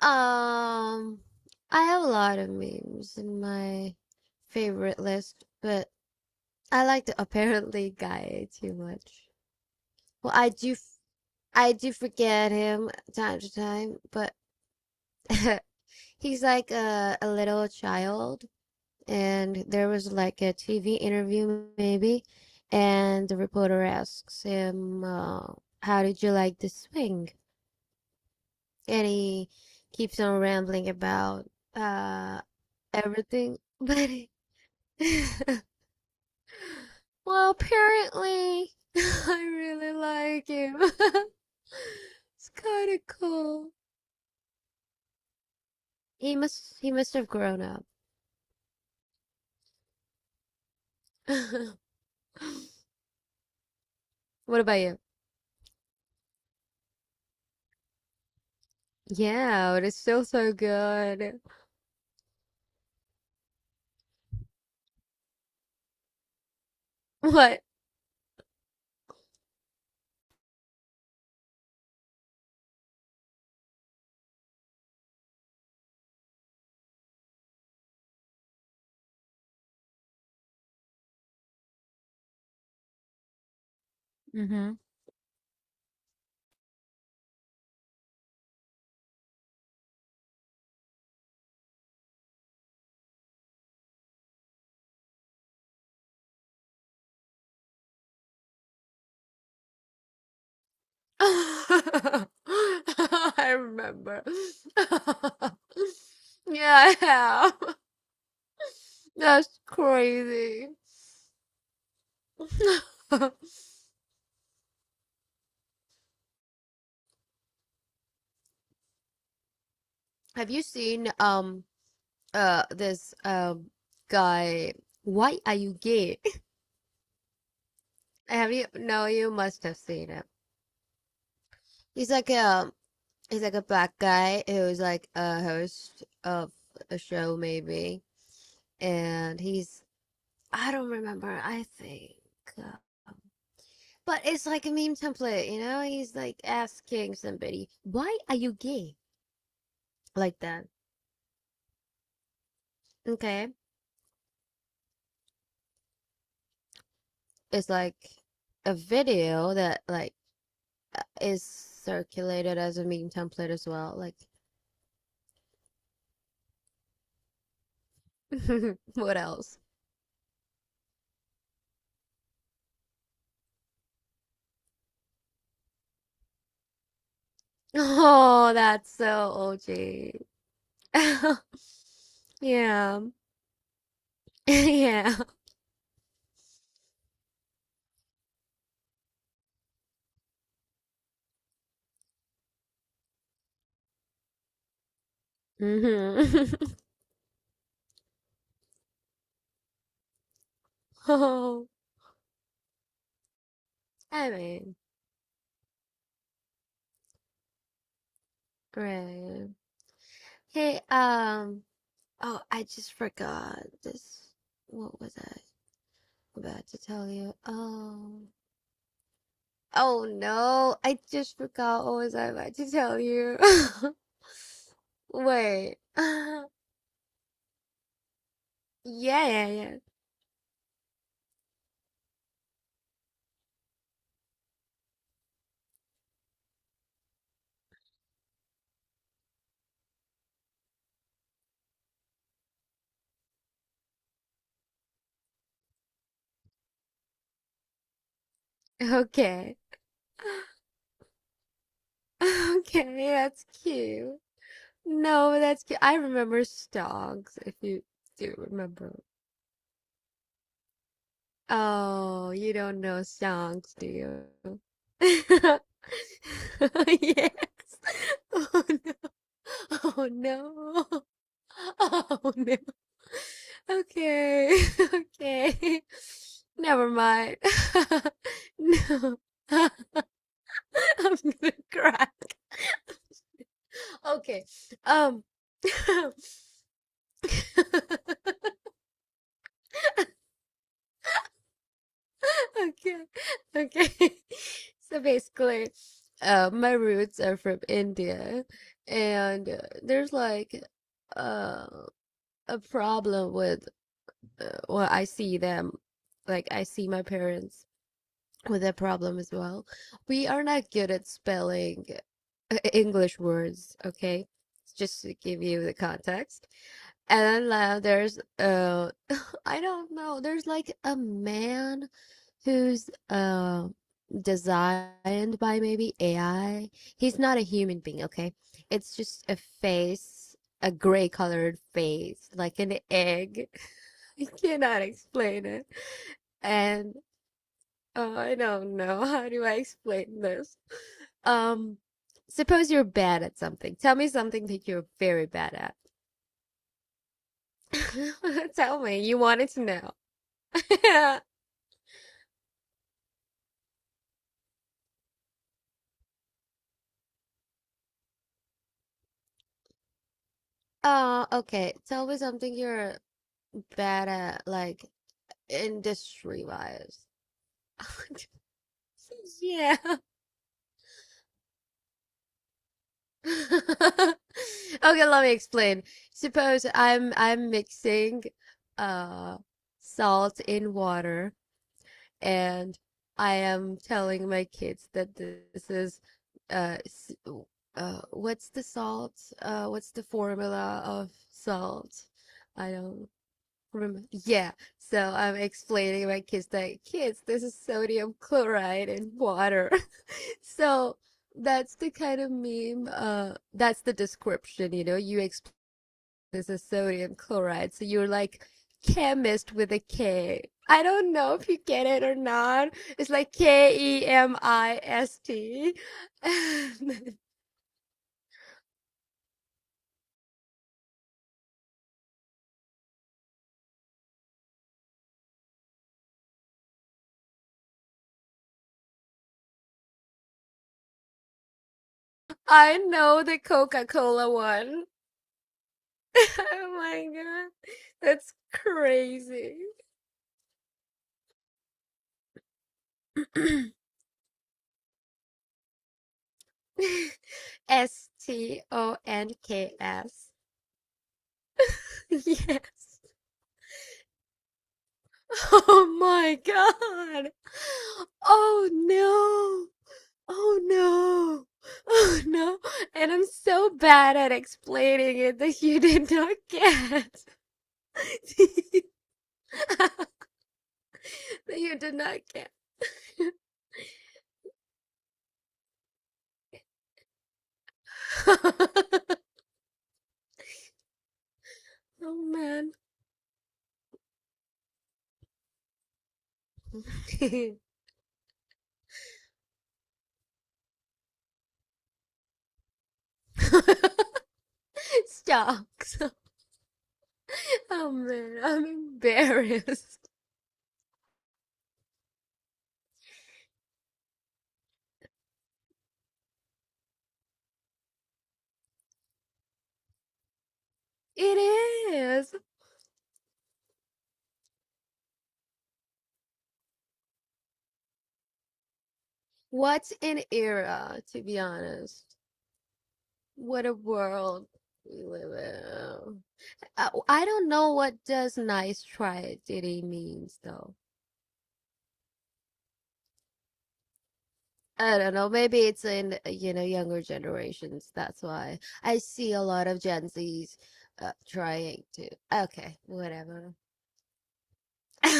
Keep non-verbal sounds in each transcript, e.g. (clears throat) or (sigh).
Um, I have a lot of memes in my favorite list, but I like the (laughs) apparently guy too much. Well, I do, I do forget him time to time, but (laughs) he's like a little child, and there was like a TV interview maybe, and the reporter asks him, "How did you like the swing?" And he keeps on rambling about, uh. everything, buddy. (laughs) Well, apparently, (laughs) I really like him. (laughs) It's kind of cool. He must have grown up. (laughs) What about you? Yeah, but it's still so good. What? Mm-hmm. (laughs) I remember. (laughs) Yeah, I have. That's crazy. (laughs) Have you seen this guy why are you gay? (laughs) Have you? No, you must have seen him. He's like a, he's like a black guy who's like a host of a show maybe, and he's, I don't remember, I think, um, but it's like a meme template, you know, he's like asking somebody, why are you gay, like that. Okay. It's like a video that like is circulated as a meme template as well, like. (laughs) What else? Oh, that's so OG. (laughs) Yeah. (laughs) Yeah. Hmm. (laughs) Oh, I mean, great. Hey, oh, I just forgot this. What was I about to tell you? Oh, oh no, I just forgot, what was I about to tell you? (laughs) Wait. (laughs) Yeah, yeah, yeah. Okay. (laughs) Okay, that's cute. No, that's cute. I remember songs, if you do remember. Oh, you don't know songs, do you? (laughs) Yes. Oh no. Oh no. Oh no. Okay. (laughs) Okay. Never mind. (laughs) No. (laughs) I'm gonna cry. Okay. Um (laughs) Okay. (laughs) Okay. (laughs) So basically, my roots are from India, and there's like uh, a problem with, well, I see them, like I see my parents with that problem as well. We are not good at spelling English words, okay? Just to give you the context. And then there's, (laughs) I don't know, there's like a man who's designed by maybe AI. He's not a human being, okay? It's just a face, a gray colored face, like an egg. (laughs) I cannot explain it. And I don't know. (laughs) How do I explain this? Um, suppose you're bad at something. Tell me something that you're very bad at. (laughs) Tell me. You wanted to know. (laughs) Okay. Tell me something you're bad at, like industry wise. (laughs) Yeah. (laughs) Okay, let me explain. Suppose I'm mixing uh salt in water, and I am telling my kids that this is uh what's the salt? Uh, what's the formula of salt? I don't remember. Yeah. So I'm explaining to my kids that, kids, this is sodium chloride in water. (laughs) So that's the kind of meme, that's the description, you know, you explain this as sodium chloride. So you're like chemist with a K. I don't know if you get it or not. It's like Kemist. (laughs) I know the Coca-Cola one. (laughs) Oh my God. That's crazy. (clears throat) STONKS. (laughs) Yes. (laughs) Oh my God. Oh no. Oh no. Oh no. And I'm so bad at explaining it that you did not get. (laughs) That you did not get. (laughs) Oh man. (laughs) Stop. Oh man, I'm embarrassed. It is. What's an era, to be honest? What a world we live in. I don't know what does nice try really means though. I don't know. Maybe it's in, you know younger generations. That's why I see a lot of Gen Zs trying to. Okay, whatever. (laughs)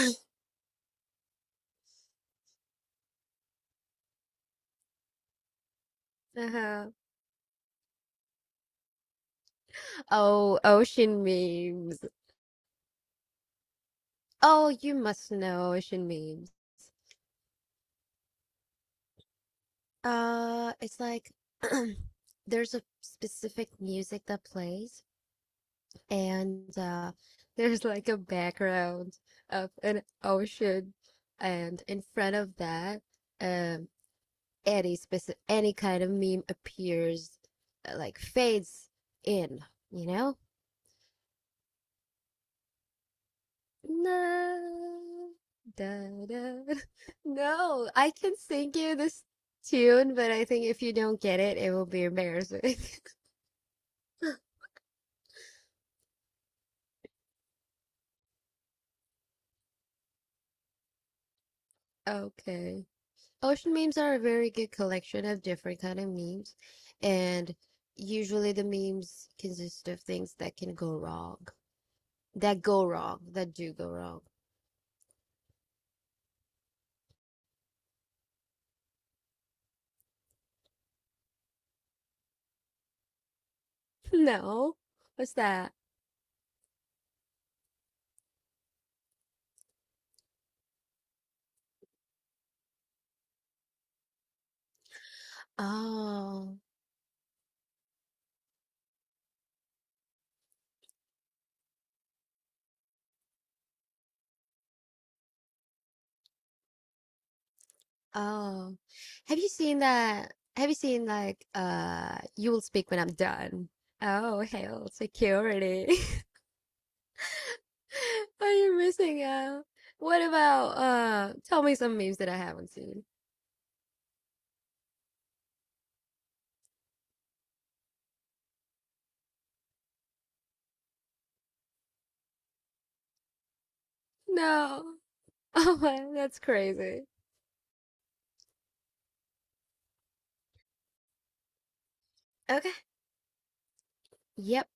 Uh-huh. Oh, ocean memes. Oh, you must know ocean memes. It's like (clears throat) there's a specific music that plays, and there's like a background of an ocean, and in front of that, um, any kind of meme appears, like fades in, you know? No, da, da. (laughs) No, I can sing you this tune, but I think if you don't get it, it will be embarrassing. (laughs) Okay. Ocean memes are a very good collection of different kind of memes, and usually the memes consist of things that can go wrong, that do go wrong. (laughs) No, what's that? Oh, oh, have you seen that? Have you seen like you will speak when I'm done? Oh, hell, security. (laughs) Are you missing out? What about tell me some memes that I haven't seen? No. (laughs) Oh my, that's crazy. Okay. Yep.